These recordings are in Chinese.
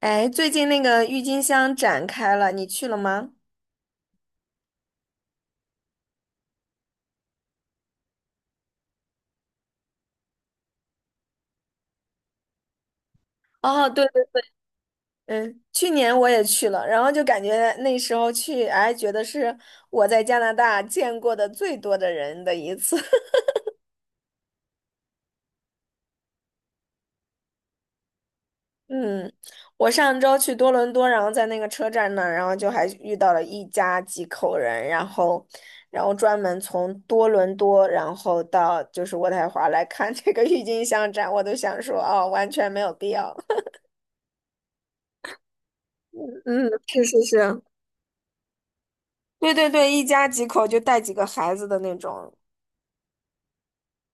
哎，最近那个郁金香展开了，你去了吗？哦，对对，嗯，去年我也去了，然后就感觉那时候去，哎，觉得是我在加拿大见过的最多的人的一次。嗯，我上周去多伦多，然后在那个车站那儿，然后就还遇到了一家几口人，然后，然后专门从多伦多，然后到就是渥太华来看这个郁金香展，我都想说，哦，完全没有必要。嗯，是是是。对对对，一家几口就带几个孩子的那种，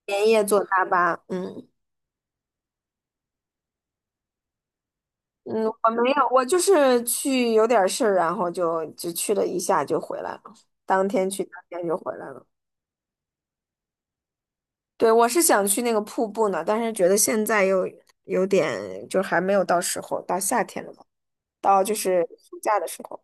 连夜坐大巴。嗯嗯，我没有，我就是去有点事儿，然后就去了一下就回来了，当天去，当天就回来了。对，我是想去那个瀑布呢，但是觉得现在又有点，就还没有到时候，到夏天了吧，到就是暑假的时候。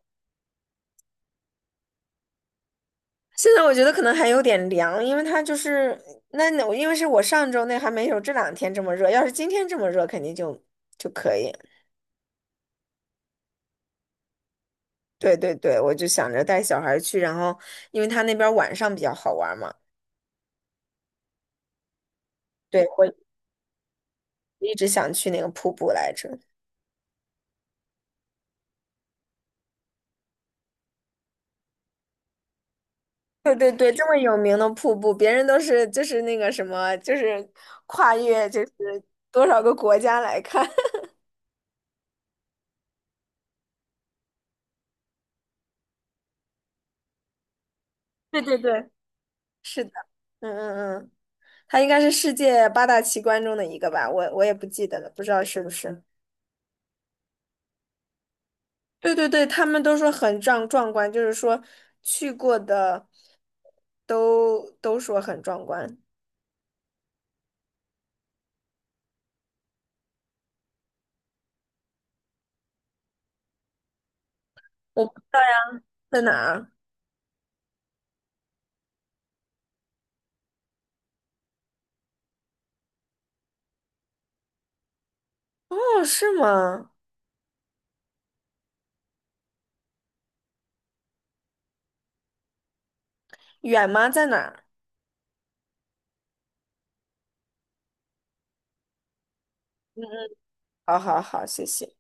现在我觉得可能还有点凉，因为它就是那，因为是我上周那还没有这两天这么热，要是今天这么热，肯定就可以。对对对，我就想着带小孩去，然后因为他那边晚上比较好玩嘛，对，我一直想去那个瀑布来着。对对对，这么有名的瀑布，别人都是就是那个什么，就是跨越就是多少个国家来看。对对对，是的，嗯嗯嗯，它应该是世界八大奇观中的一个吧，我也不记得了，不知道是不是。对对对，他们都说很壮观，就是说去过的都说很壮观。我不知道。在哪儿？哦，是吗？远吗？在哪儿？嗯嗯，好好好，谢谢。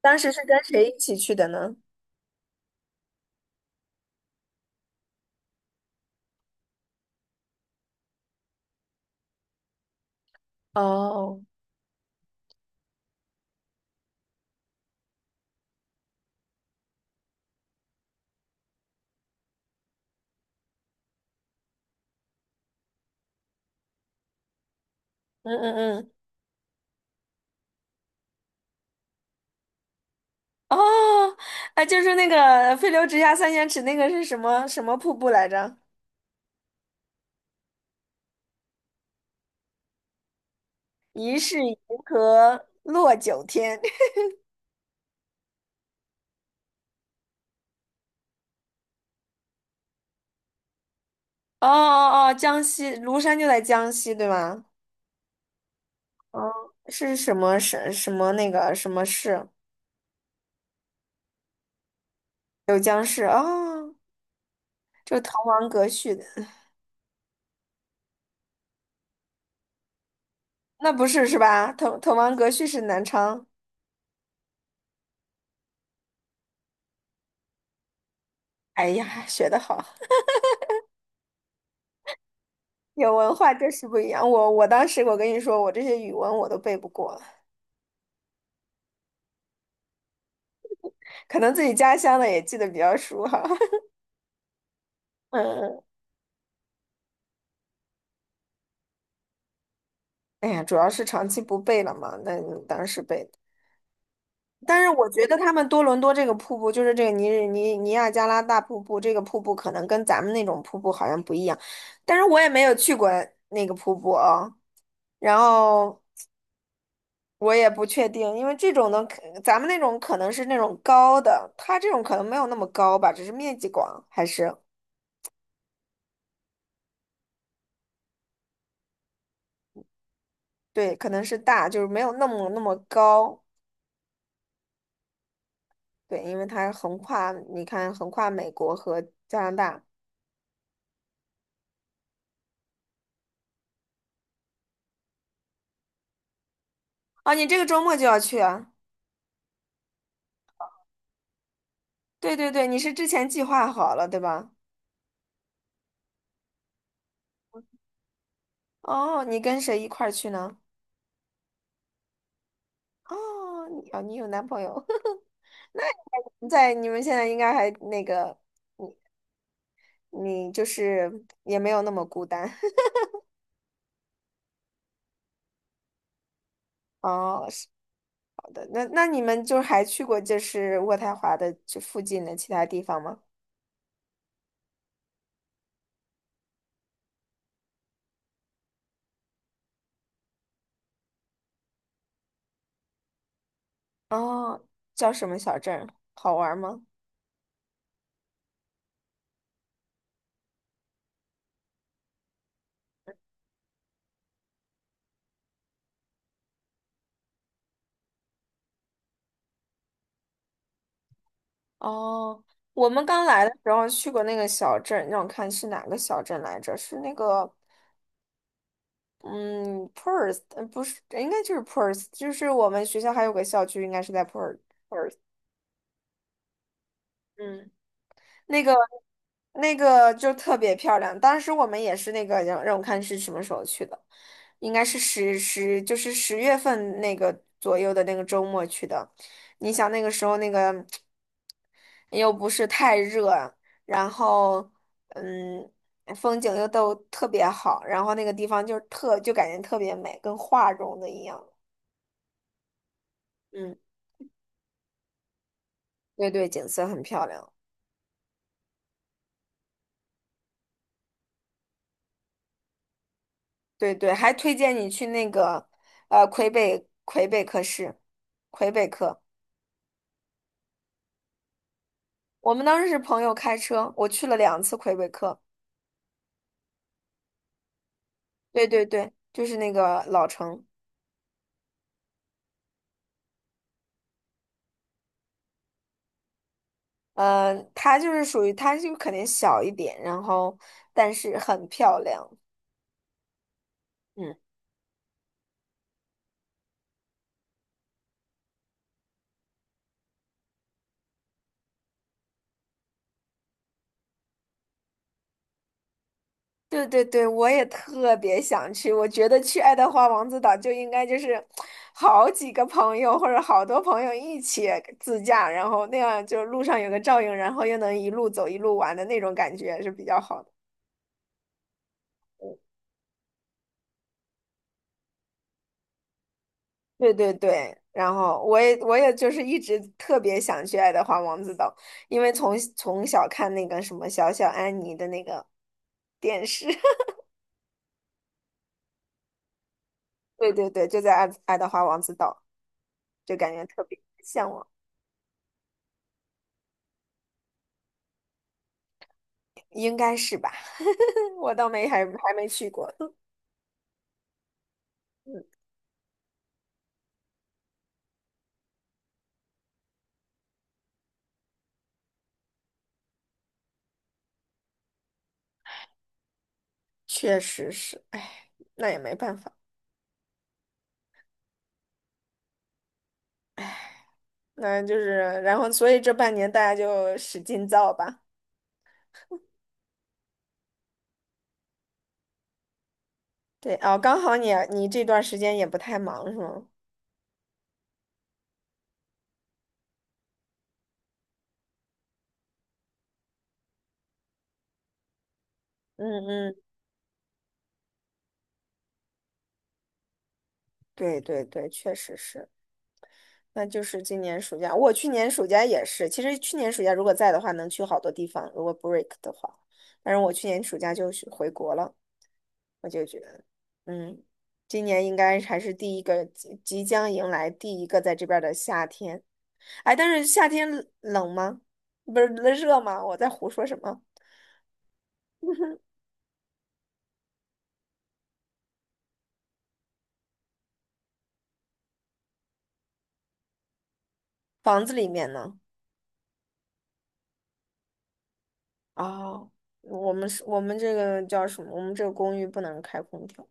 当时是跟谁一起去的呢？哦，嗯嗯嗯，哦，哎，就是那个“飞流直下三千尺”那个是什么什么瀑布来着？疑是银河落九天。哦哦哦，江西庐山就在江西，对吗？哦，是什么什么那个什么市？九江市哦，就是滕王阁序的，那不是是吧？滕王阁序是南昌。哎呀，学得好，有文化就是不一样。我当时我跟你说，我这些语文我都背不过了，可能自己家乡的也记得比较熟哈。嗯，哎呀，主要是长期不背了嘛，那当时背的。但是我觉得他们多伦多这个瀑布，就是这个尼日尼尼亚加拉大瀑布，这个瀑布可能跟咱们那种瀑布好像不一样，但是我也没有去过那个瀑布啊、然后我也不确定，因为这种的可咱们那种可能是那种高的，它这种可能没有那么高吧，只是面积广，还是，对，可能是大，就是没有那么那么高，对，因为它横跨，你看横跨美国和加拿大。啊，你这个周末就要去啊？对对对，你是之前计划好了，对吧？哦，你跟谁一块儿去呢？哦，你有男朋友，那你在你们现在应该还那个，你你就是也没有那么孤单。哦，的那那你们就还去过就是渥太华的这附近的其他地方吗？哦，叫什么小镇儿好玩吗？哦，我们刚来的时候去过那个小镇，让我看是哪个小镇来着？是那个，嗯，Perth，呃不是，应该就是 Perth，就是我们学校还有个校区，应该是在 Perth。嗯那个那个就特别漂亮。当时我们也是那个让我看是什么时候去的，应该是就是十月份那个左右的那个周末去的。你想那个时候那个又不是太热，然后嗯风景又都特别好，然后那个地方就特就感觉特别美，跟画中的一样。嗯，对对，景色很漂亮。对对，还推荐你去那个魁北克市，魁北克。我们当时是朋友开车，我去了两次魁北克。对对对，就是那个老城，呃，它就是属于它就肯定小一点，然后但是很漂亮。嗯。对对对，我也特别想去。我觉得去爱德华王子岛就应该就是好几个朋友或者好多朋友一起自驾，然后那样就路上有个照应，然后又能一路走一路玩的那种感觉是比较好的。对对对，然后我也就是一直特别想去爱德华王子岛，因为从小看那个什么小安妮的那个电视，对对对，就在爱德华王子岛，就感觉特别向往。应该是吧？我倒没还没去过，确实是，哎，那也没办法，那就是，然后所以这半年大家就使劲造吧。对哦，刚好你这段时间也不太忙是吗？嗯嗯，对对对，确实是，那就是今年暑假，我去年暑假也是，其实去年暑假如果在的话，能去好多地方，如果 break 的话，但是我去年暑假就是回国了。我就觉得，嗯，今年应该还是第一个，即将迎来第一个在这边儿的夏天。哎，但是夏天冷吗？不是热吗？我在胡说什么？房子里面呢？哦，我们是我们这个叫什么？我们这个公寓不能开空调，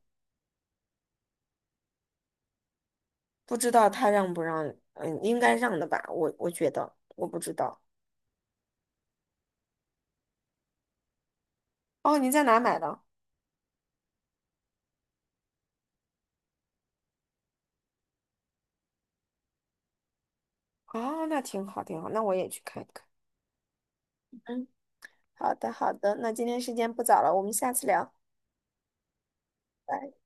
不知道他让不让？嗯，应该让的吧？我觉得，我不知道。哦，你在哪买的？哦，那挺好，挺好，那我也去看一看。嗯，好的，好的，那今天时间不早了，我们下次聊。拜。